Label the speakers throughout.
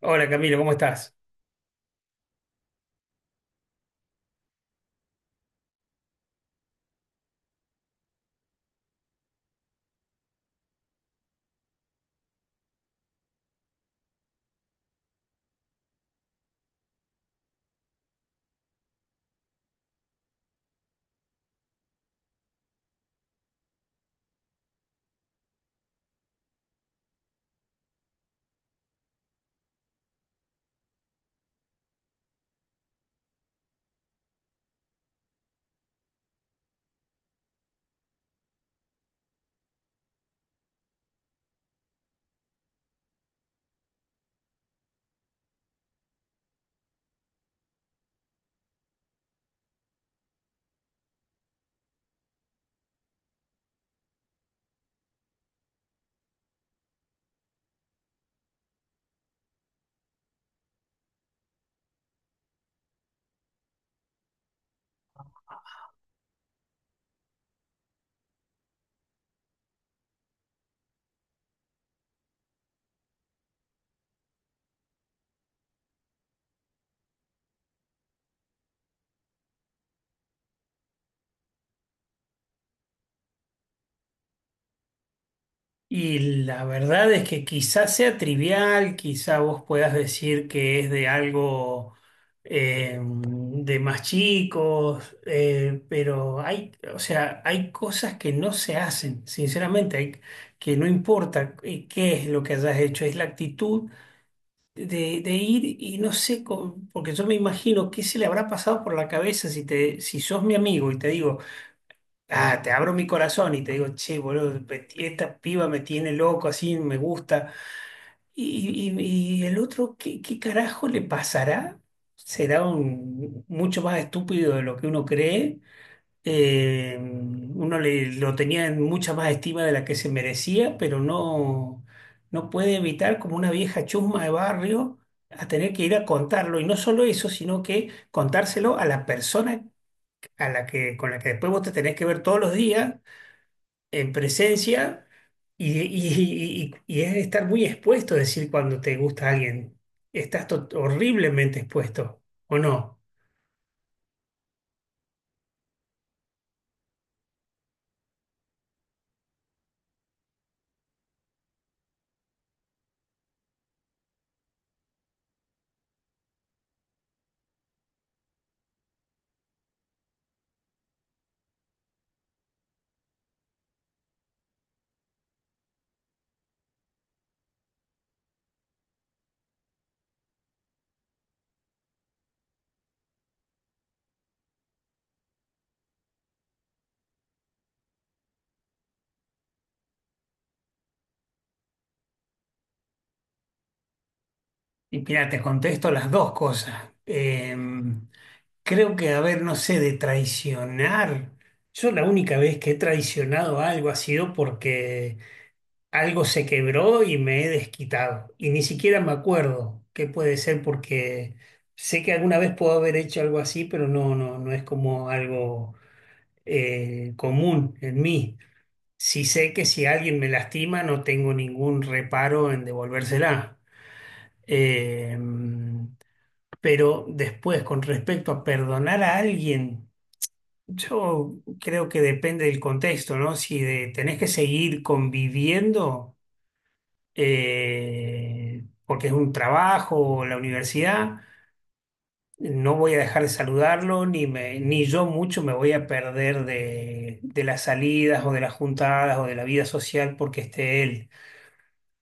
Speaker 1: Hola Camilo, ¿cómo estás? Y la verdad es que quizás sea trivial, quizá vos puedas decir que es de algo de más chicos, pero hay, o sea, hay cosas que no se hacen, sinceramente, que no importa qué es lo que hayas hecho, es la actitud de ir y no sé, porque yo me imagino qué se le habrá pasado por la cabeza si sos mi amigo y te digo. Ah, te abro mi corazón y te digo, che, boludo, esta piba me tiene loco, así me gusta. Y el otro, ¿ qué carajo le pasará? Será un, mucho más estúpido de lo que uno cree. Lo tenía en mucha más estima de la que se merecía, pero no, no puede evitar, como una vieja chusma de barrio, a tener que ir a contarlo. Y no solo eso, sino que contárselo a la persona con la que después vos te tenés que ver todos los días en presencia, y es estar muy expuesto, decir cuando te gusta alguien. Estás horriblemente expuesto, ¿o no? Y mira, te contesto las dos cosas. Creo que, a ver, no sé, de traicionar. Yo la única vez que he traicionado algo ha sido porque algo se quebró y me he desquitado. Y ni siquiera me acuerdo qué puede ser porque sé que alguna vez puedo haber hecho algo así, pero no es como algo común en mí. Si sé que si alguien me lastima, no tengo ningún reparo en devolvérsela. Eh, pero después, con respecto a perdonar a alguien, yo creo que depende del contexto, ¿no? Si de- Tenés que seguir conviviendo, porque es un trabajo o la universidad. No voy a dejar de saludarlo, ni yo mucho me voy a perder de las salidas o de las juntadas o de la vida social porque esté él.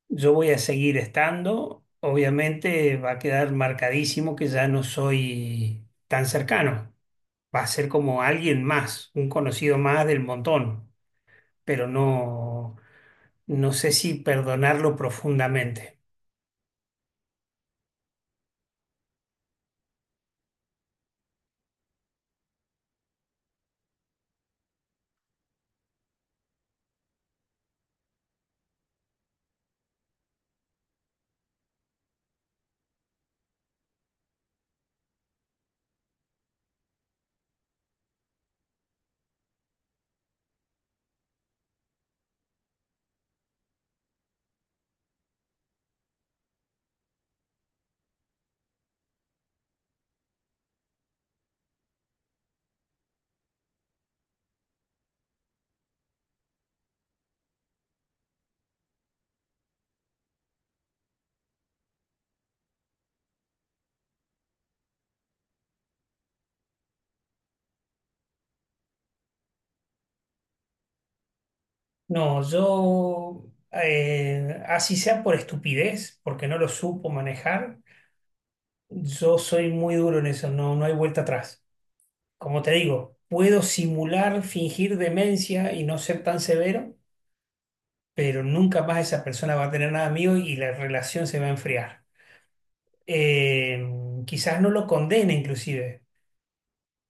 Speaker 1: Yo voy a seguir estando. Obviamente va a quedar marcadísimo que ya no soy tan cercano. Va a ser como alguien más, un conocido más del montón, pero no, no sé si perdonarlo profundamente. No, yo, así sea por estupidez, porque no lo supo manejar. Yo soy muy duro en eso, no, no hay vuelta atrás. Como te digo, puedo simular, fingir demencia y no ser tan severo, pero nunca más esa persona va a tener nada mío y la relación se va a enfriar. Eh, quizás no lo condene inclusive,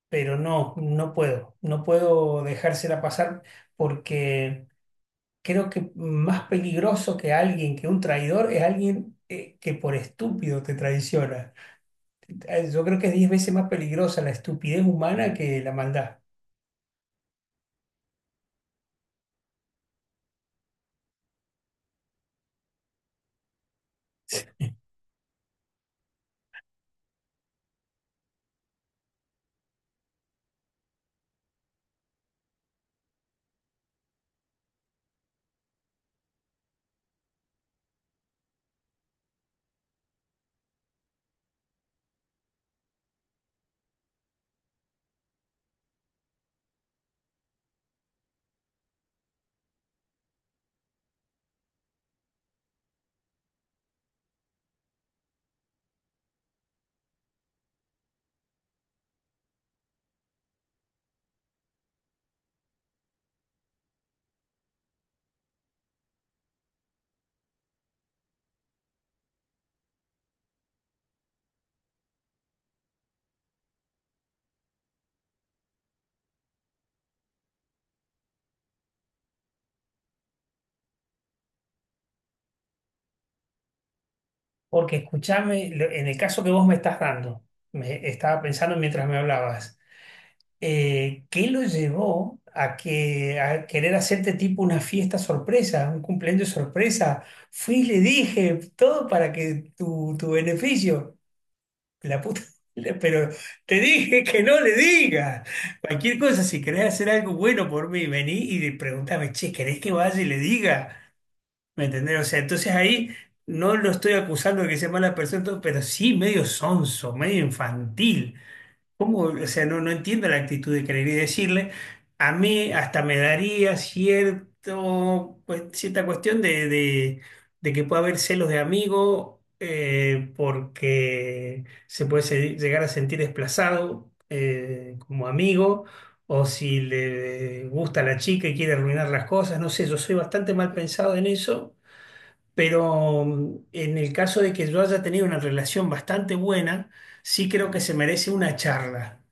Speaker 1: pero no, no puedo, no puedo dejársela pasar porque creo que más peligroso que alguien, que un traidor, es alguien que por estúpido te traiciona. Yo creo que es 10 veces más peligrosa la estupidez humana que la maldad. Porque escúchame, en el caso que vos me estás dando, me estaba pensando mientras me hablabas, ¿qué lo llevó a, que, a querer hacerte tipo una fiesta sorpresa, un cumpleaños sorpresa? Fui y le dije todo para que tu beneficio, la puta, pero te dije que no le digas. Cualquier cosa, si querés hacer algo bueno por mí, vení y pregúntame, che, ¿querés que vaya y le diga? ¿Me entendés? O sea, entonces ahí no lo estoy acusando de que sea mala persona, todo, pero sí medio sonso, medio infantil. ¿Cómo? O sea, no, no entiendo la actitud de querer y decirle. A mí hasta me daría cierto, pues, cierta cuestión de, de que pueda haber celos de amigo, porque se puede llegar a sentir desplazado como amigo, o si le gusta a la chica y quiere arruinar las cosas, no sé, yo soy bastante mal pensado en eso, pero en el caso de que yo haya tenido una relación bastante buena, sí creo que se merece una charla.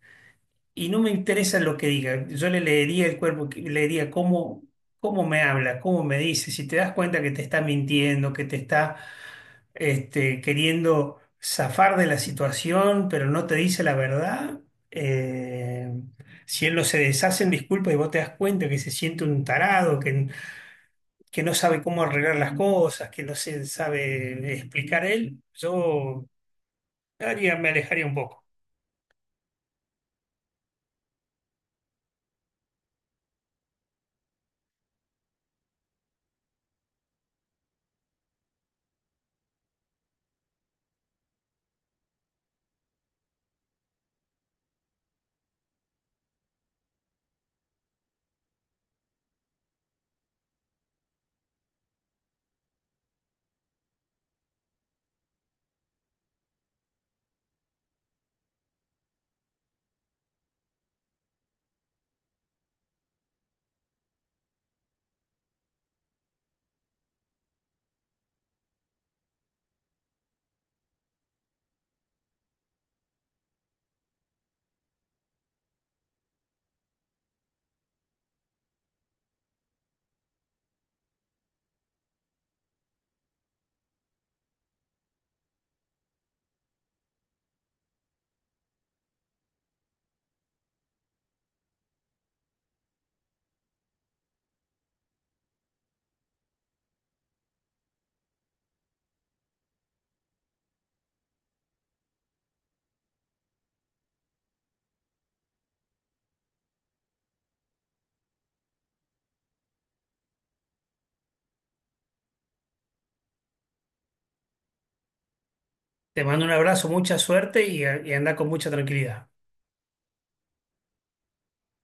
Speaker 1: Y no me interesa lo que diga. Yo le leería el cuerpo, leería cómo, cómo me habla, cómo me dice. Si te das cuenta que te está mintiendo, que te está este, queriendo zafar de la situación, pero no te dice la verdad. eh, si él no se deshace en disculpas y vos te das cuenta que se siente un tarado, que no sabe cómo arreglar las cosas, que no se sabe explicar él, me alejaría un poco. Te mando un abrazo, mucha suerte y anda con mucha tranquilidad.